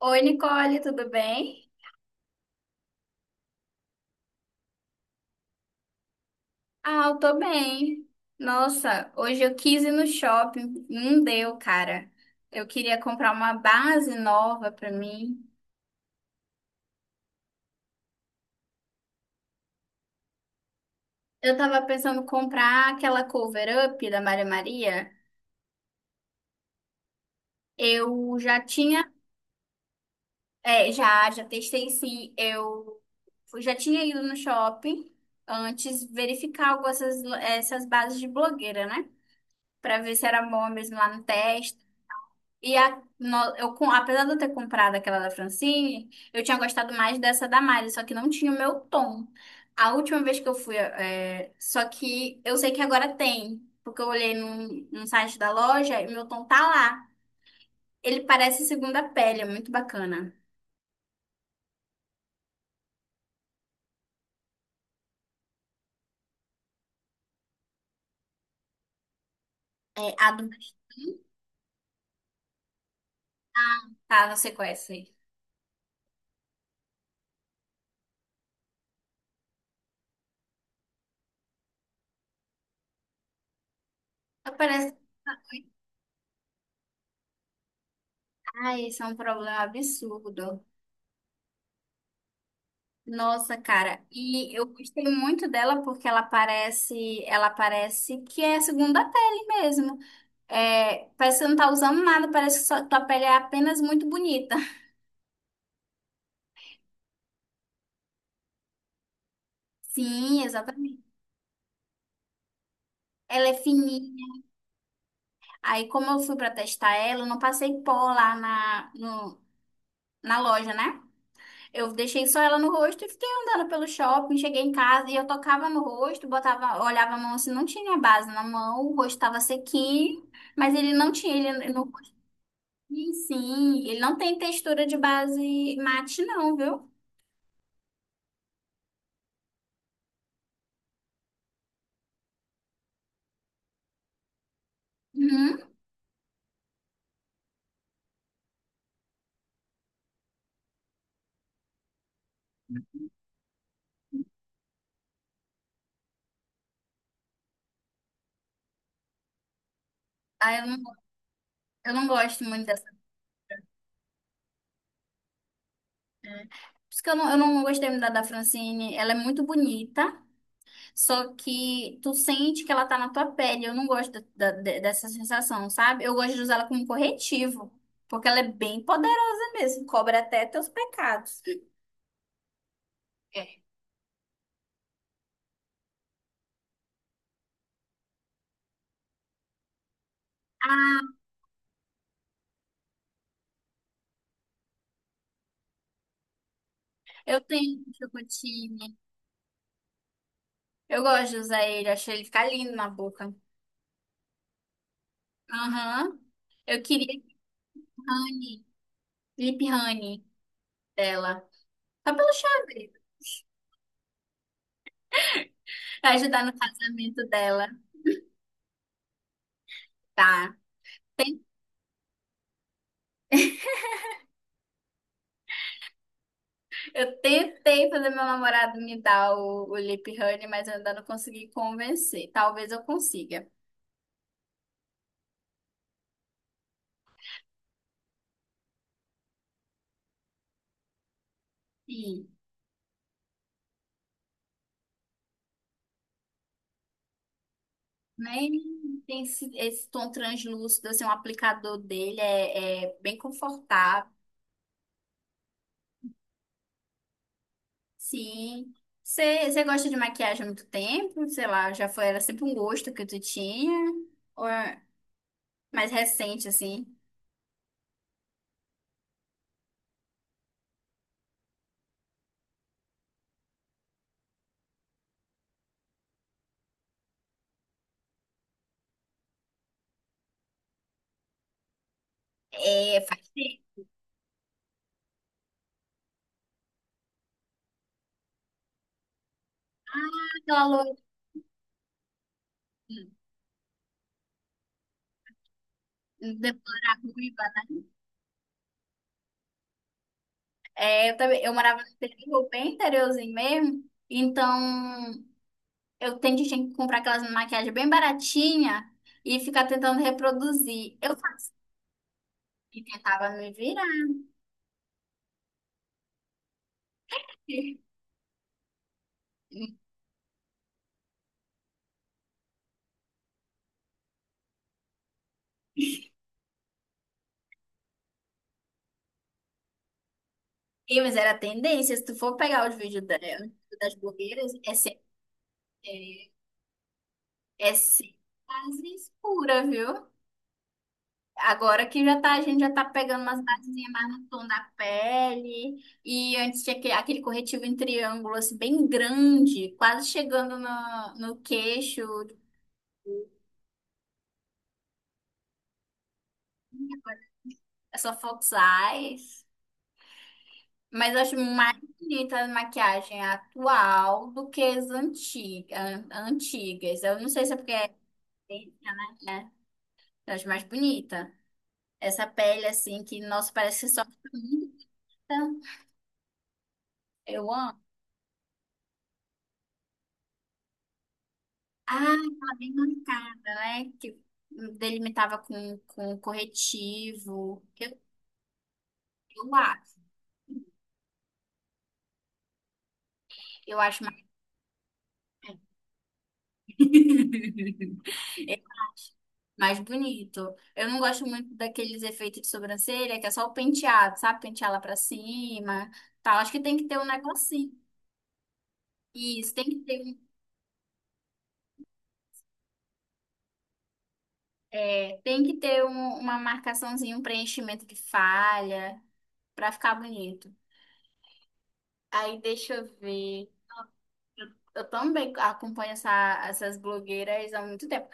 Oi, Nicole, tudo bem? Ah, eu tô bem. Nossa, hoje eu quis ir no shopping, não deu, cara. Eu queria comprar uma base nova pra mim. Eu tava pensando em comprar aquela cover up da Maria Maria. Eu já tinha, é, já testei sim. Eu já tinha ido no shopping antes verificar essas bases de blogueira, né? Pra ver se era bom mesmo lá no teste. E a, no- eu, com- Apesar de eu ter comprado aquela da Francine, eu tinha gostado mais dessa da Mari, só que não tinha o meu tom. A última vez que eu fui, é, Só que eu sei que agora tem, porque eu olhei num site da loja e meu tom tá lá. Ele parece segunda pele, é muito bacana. É, a do tá, não sei qual é essa aí. Parece... Ai, isso é um problema absurdo. Nossa, cara, e eu gostei muito dela porque ela parece que é segunda pele mesmo. É, parece que você não tá usando nada, parece que tua pele é apenas muito bonita. Sim, exatamente. Ela é fininha. Aí, como eu fui pra testar ela, eu não passei pó lá na, no- na loja, né? Eu deixei só ela no rosto e fiquei andando pelo shopping. Cheguei em casa e eu tocava no rosto, botava, olhava a mão assim, não tinha base na mão, o rosto tava sequinho, mas ele não tinha, ele não, sim, ele não tem textura de base mate, não, viu? Uhum. Ah, eu não, eu não gosto muito. É. Por isso que eu não gostei muito da Francine. Ela é muito bonita, só que tu sente que ela tá na tua pele. Eu não gosto dessa sensação, sabe? Eu gosto de usar ela como corretivo, porque ela é bem poderosa mesmo, cobra até teus pecados. É. Ah, eu tenho chocotine. Eu gosto de usar ele, achei ele ficar lindo na boca. Aham. Eu queria honey, lip honey dela. Só pelo chá mesmo, pra ajudar no casamento dela. Tá. Eu tentei fazer meu namorado me dar o lip honey, mas eu ainda não consegui convencer. Talvez eu consiga. E nem tem esse tom translúcido, assim, o aplicador dele é bem confortável. Sim. Você gosta de maquiagem há muito tempo? Sei lá, já foi, era sempre um gosto que tu tinha? Ou é mais recente, assim? É, faz tempo aquela loira. Depois é, eu também, eu morava no interior, bem interiorzinho mesmo, então eu tento tinha que comprar aquelas maquiagens bem baratinha e ficar tentando reproduzir. Eu fazia e tentava me virar. E, mas era tendência, se tu for pegar os vídeos dela, das blogueiras, é sempre, é é sempre quase escura, viu? Agora que já tá, a gente já tá pegando umas basezinhas mais no tom da pele. E antes tinha aquele corretivo em triângulo, assim, bem grande, quase chegando no queixo. É só Fox Eyes. Mas eu acho mais bonita a maquiagem atual do que as antigas. Eu não sei se é porque é tendência, né? É. Eu acho mais bonita. Essa pele, assim, que, nossa, parece que só fica bonita. Eu amo. Ah, tá bem marcada, né? Que delimitava com corretivo. Eu acho. Eu acho mais, é mais bonito. Eu não gosto muito daqueles efeitos de sobrancelha, que é só o penteado, sabe? Pentear lá pra cima, tal. Acho que tem que ter um negocinho. Isso, tem que ter, um- tem que ter uma marcaçãozinha, um preenchimento de falha, pra ficar bonito. Aí deixa eu ver. Eu também acompanho essas blogueiras há muito tempo.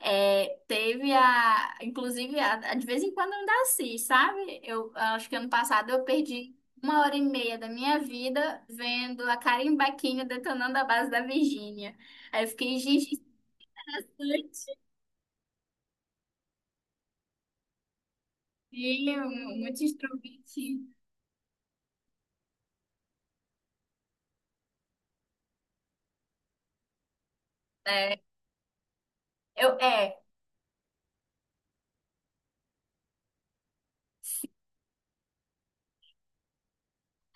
É, teve a, inclusive, de vez em quando eu ainda assisto, sabe? Eu acho que ano passado eu perdi 1h30 da minha vida vendo a Karen Baquinho detonando a base da Virgínia. Aí eu fiquei, gente, isso é antigo, muito instrumento. É, é.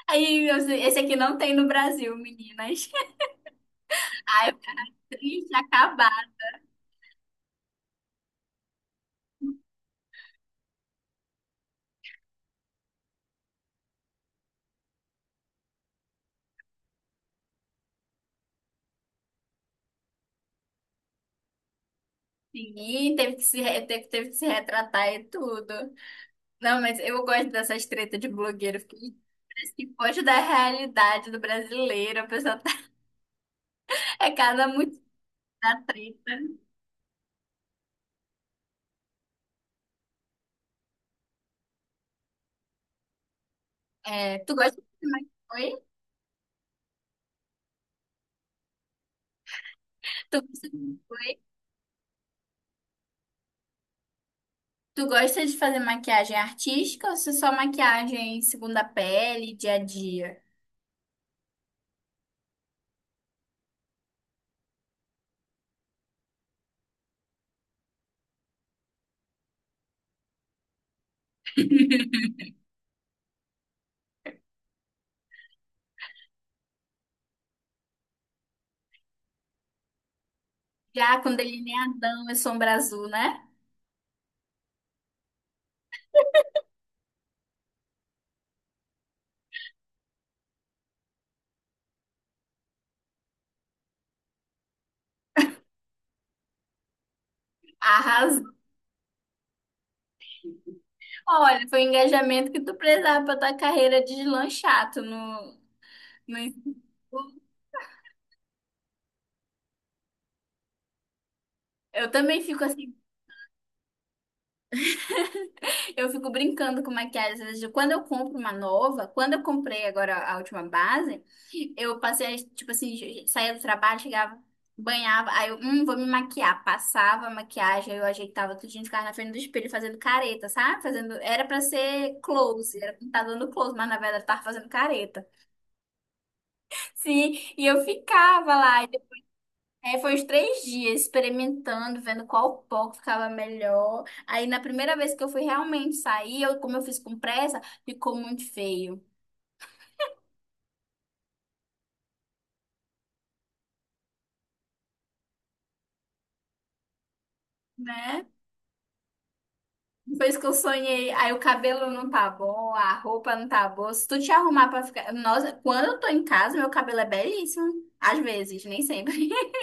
Aí, esse aqui não tem no Brasil, meninas. Aí eu fiquei triste, acabar. Sim, teve que se, re- teve, teve que se retratar e tudo. Não, mas eu gosto dessas tretas de blogueiro, porque parece que foge da realidade do brasileiro. A pessoa tá... é cada muito da treta. É, tu gosta de fazer maquiagem? Oi? Tu gosta de... Oi? Tu gosta de fazer maquiagem artística ou se só maquiagem segunda pele, dia a dia? Já com delineadão e sombra azul, né? Arrasou. Olha, foi o engajamento que tu precisava pra tua carreira deslanchar. Tu não, não... Eu também fico assim. Eu fico brincando com maquiagem. Às vezes, quando eu compro uma nova, quando eu comprei agora a última base, eu passei, tipo assim, saía do trabalho, chegava, banhava, vou me maquiar. Passava a maquiagem, aí eu ajeitava tudinho, ficava na frente do espelho fazendo careta, sabe? Fazendo, era pra ser close, era pra estar dando close, mas na verdade eu tava fazendo careta. Sim, e eu ficava lá. Foi uns três dias experimentando, vendo qual pó que ficava melhor. Aí na primeira vez que eu fui realmente sair, eu, como eu fiz com pressa, ficou muito feio, né? Depois que eu sonhei, aí o cabelo não tá bom, a roupa não tá boa. Se tu te arrumar pra ficar. Nossa, quando eu tô em casa, meu cabelo é belíssimo. Às vezes, nem sempre.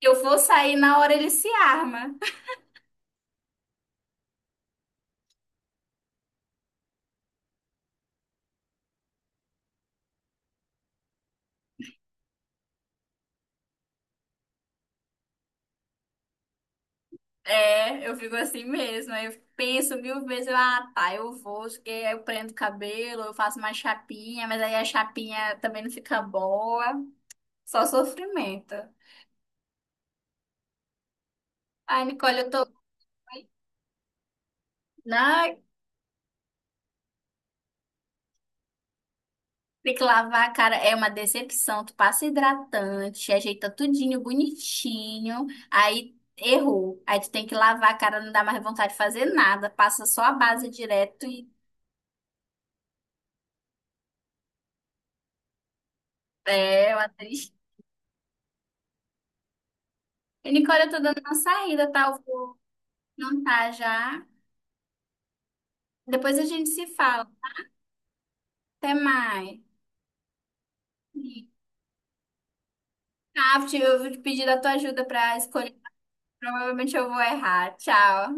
Eu vou sair, na hora ele se arma. É, eu fico assim mesmo. Aí eu penso mil vezes, eu, ah, tá, eu vou, porque eu prendo o cabelo, eu faço uma chapinha, mas aí a chapinha também não fica boa. Só sofrimento. Ai, Nicole, eu tô. Ai, tem que lavar a cara, é uma decepção. Tu passa hidratante, ajeita tudinho, bonitinho, aí errou. Aí tu tem que lavar a cara, não dá mais vontade de fazer nada, passa só a base direto e é uma tristeza. E, Nicole, eu tô dando uma saída, tá? Eu vou jantar já. Depois a gente se fala. Até mais. Tá, eu vou te pedir a tua ajuda para escolher. Provavelmente eu vou errar. Tchau.